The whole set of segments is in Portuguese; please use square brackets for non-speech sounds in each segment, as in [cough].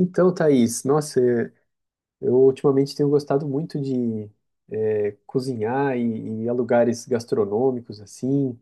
Então, Thaís, nossa, eu ultimamente tenho gostado muito de cozinhar e ir a lugares gastronômicos, assim,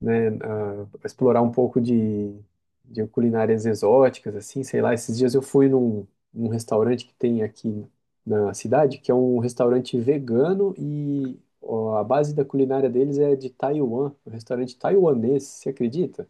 né, explorar um pouco de culinárias exóticas, assim, sei lá. Esses dias eu fui num restaurante que tem aqui na cidade, que é um restaurante vegano e ó, a base da culinária deles é de Taiwan, um restaurante taiwanês, você acredita?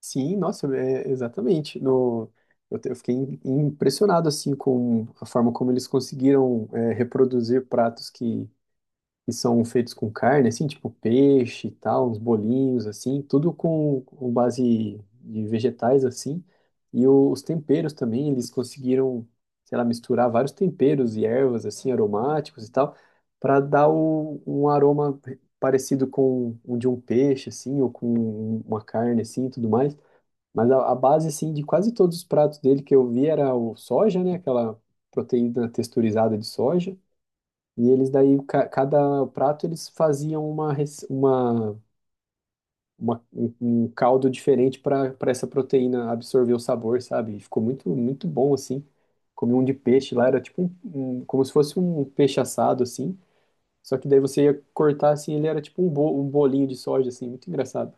Sim, nossa, é, exatamente. No, eu, te- Eu fiquei impressionado assim com a forma como eles conseguiram reproduzir pratos que são feitos com carne, assim, tipo peixe e tal, uns bolinhos assim, tudo com base de vegetais assim. Os temperos também, eles conseguiram, sei lá, misturar vários temperos e ervas assim aromáticos e tal, para dar um aroma parecido com o de um peixe assim, ou com uma carne assim, e tudo mais. Mas a base, assim, de quase todos os pratos dele que eu vi era o soja, né? Aquela proteína texturizada de soja. E eles daí, cada prato, eles faziam uma, rec- uma- um um caldo diferente para essa proteína absorver o sabor, sabe? E ficou muito, muito bom, assim. Comi um de peixe lá, era tipo como se fosse um peixe assado, assim. Só que daí você ia cortar, assim, ele era tipo um bolinho de soja, assim. Muito engraçado.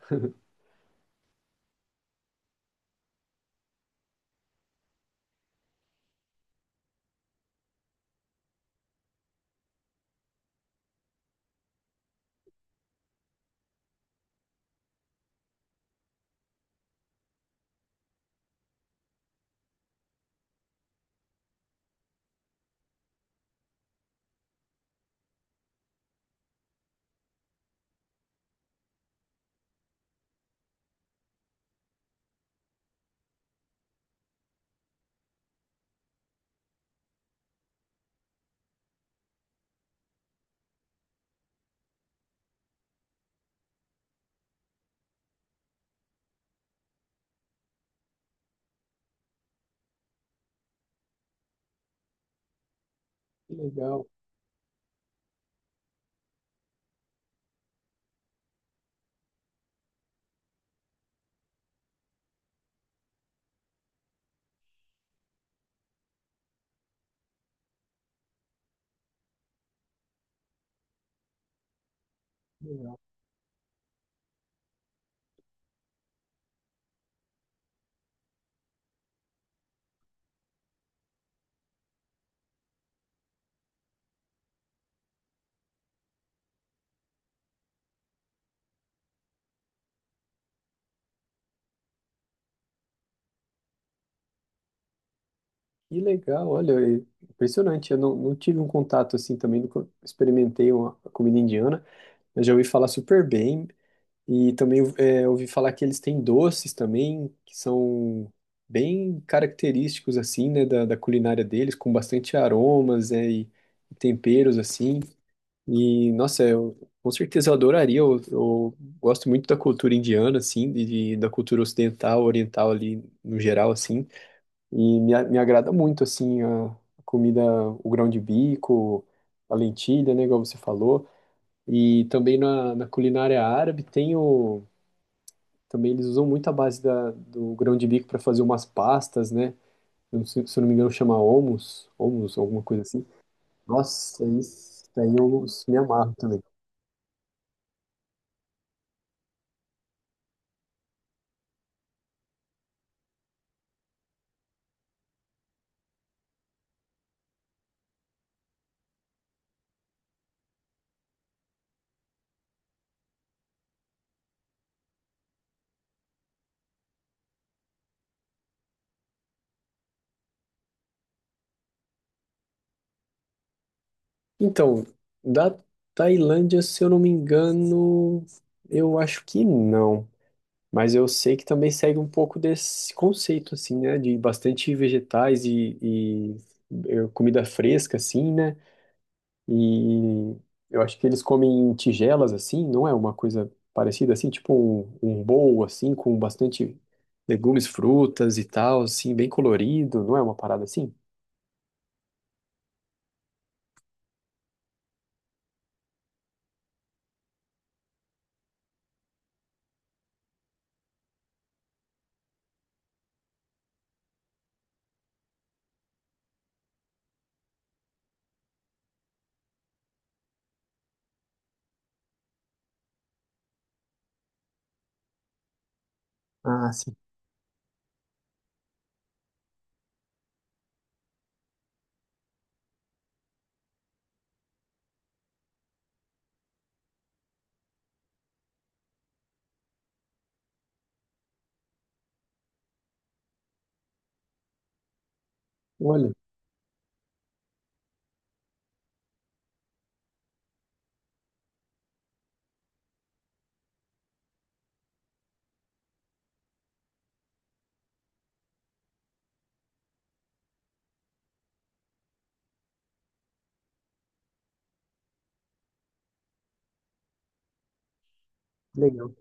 Que legal. Que legal, olha, é impressionante. Eu não, Não tive um contato assim também, nunca experimentei uma comida indiana, mas já ouvi falar super bem. E também é, ouvi falar que eles têm doces também, que são bem característicos assim, né, da culinária deles, com bastante aromas, né, e temperos assim. E, nossa, eu com certeza eu adoraria. Eu gosto muito da cultura indiana, assim, e da cultura ocidental, oriental ali no geral, assim. E me agrada muito, assim, a comida, o grão de bico, a lentilha, né, igual você falou. E também na culinária árabe tem o... Também eles usam muito a base do grão de bico para fazer umas pastas, né? Eu não sei- Se eu não me engano chama hummus, hummus, alguma coisa assim. Nossa, isso daí eu me amarro também. Então, da Tailândia, se eu não me engano, eu acho que não. Mas eu sei que também segue um pouco desse conceito, assim, né? De bastante vegetais e comida fresca, assim, né? E eu acho que eles comem em tigelas, assim, não é uma coisa parecida, assim, tipo um bowl, assim, com bastante legumes, frutas e tal, assim, bem colorido, não é uma parada assim? Ah, sim. Olha, que legal.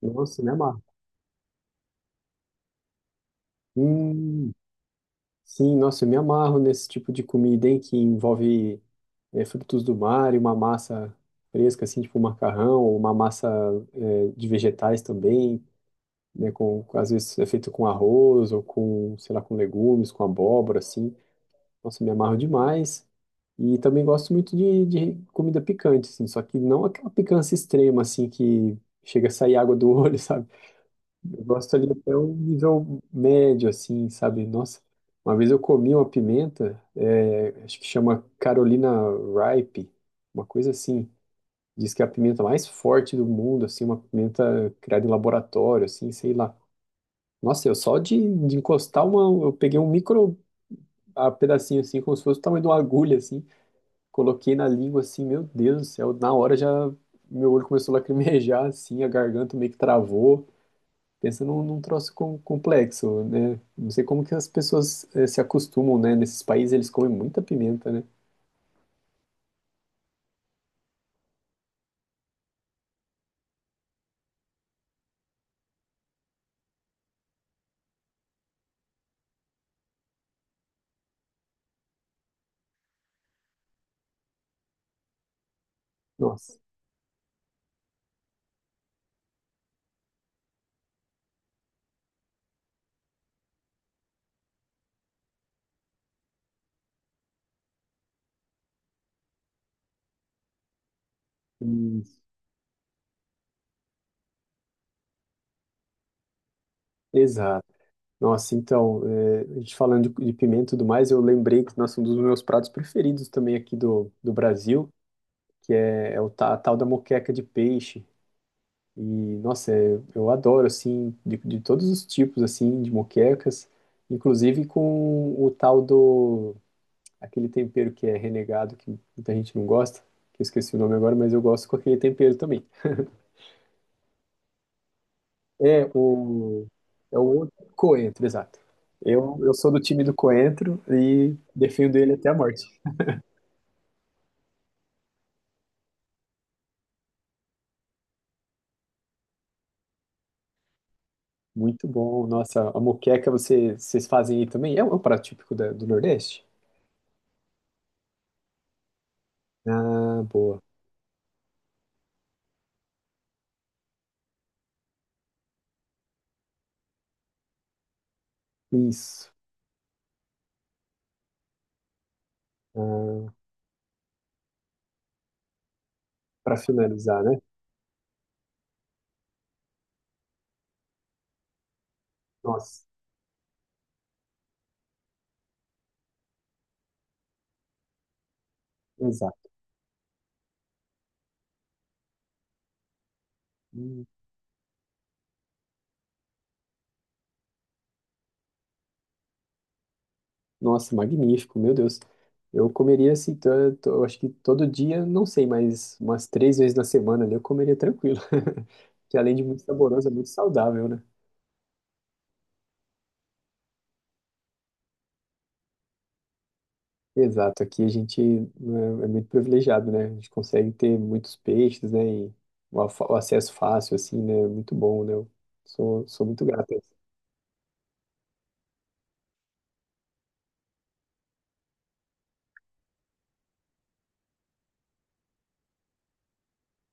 Nossa, me amarro. Hum, Sim, nossa, eu me amarro nesse tipo de comida, hein, que envolve frutos do mar e uma massa fresca, assim, tipo um macarrão, ou uma massa de vegetais também, né, às vezes é feito com arroz ou com, sei lá, com legumes, com abóbora, assim. Nossa, me amarro demais. E também gosto muito de comida picante, assim, só que não aquela picância extrema, assim, que chega a sair água do olho, [laughs] sabe? Eu gosto ali até um nível médio, assim, sabe? Nossa, uma vez eu comi uma pimenta, é, acho que chama Carolina Ripe, uma coisa assim. Diz que é a pimenta mais forte do mundo, assim, uma pimenta criada em laboratório, assim, sei lá. Nossa, eu só de encostar uma, eu peguei um micro a pedacinho, assim, como se fosse o tamanho de uma agulha, assim, coloquei na língua, assim, meu Deus do céu, na hora já meu olho começou a lacrimejar, assim, a garganta meio que travou. Pensa num troço complexo, né? Não sei como que as pessoas se acostumam, né? Nesses países eles comem muita pimenta, né? Nossa. Isso. Exato. Nossa, então, a gente falando de pimenta e tudo mais, eu lembrei que, nossa, um dos meus pratos preferidos também aqui do Brasil é o a tal da moqueca de peixe. E, nossa, é- eu adoro, assim, de todos os tipos, assim, de moquecas, inclusive com o tal do aquele tempero que é renegado, que muita gente não gosta, que eu esqueci o nome agora, mas eu gosto com aquele tempero também. É o, É o outro coentro, exato. Eu sou do time do coentro e defendo ele até a morte. Muito bom. Nossa, a moqueca você, vocês fazem aí também? É um prato típico do Nordeste? Ah, boa. Isso. Ah, para finalizar, né? Nossa, exato. Hum. Nossa, magnífico, meu Deus. Eu comeria assim, eu acho que todo dia, não sei, mas umas três vezes na semana ali eu comeria tranquilo. [laughs] Que além de muito saboroso, é muito saudável, né? Exato, aqui a gente né, é muito privilegiado, né? A gente consegue ter muitos peixes, né? E o acesso fácil, assim, né? É muito bom, né? Eu sou muito grato a isso.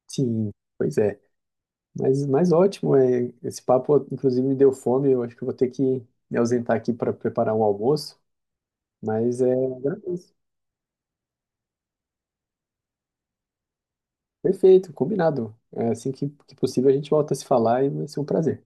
Sim, pois é. Mas ótimo, é. Esse papo, inclusive, me deu fome. Eu acho que eu vou ter que me ausentar aqui para preparar um almoço. Mas é, agradeço. Perfeito, combinado. É, assim que possível a gente volta a se falar e vai ser um prazer.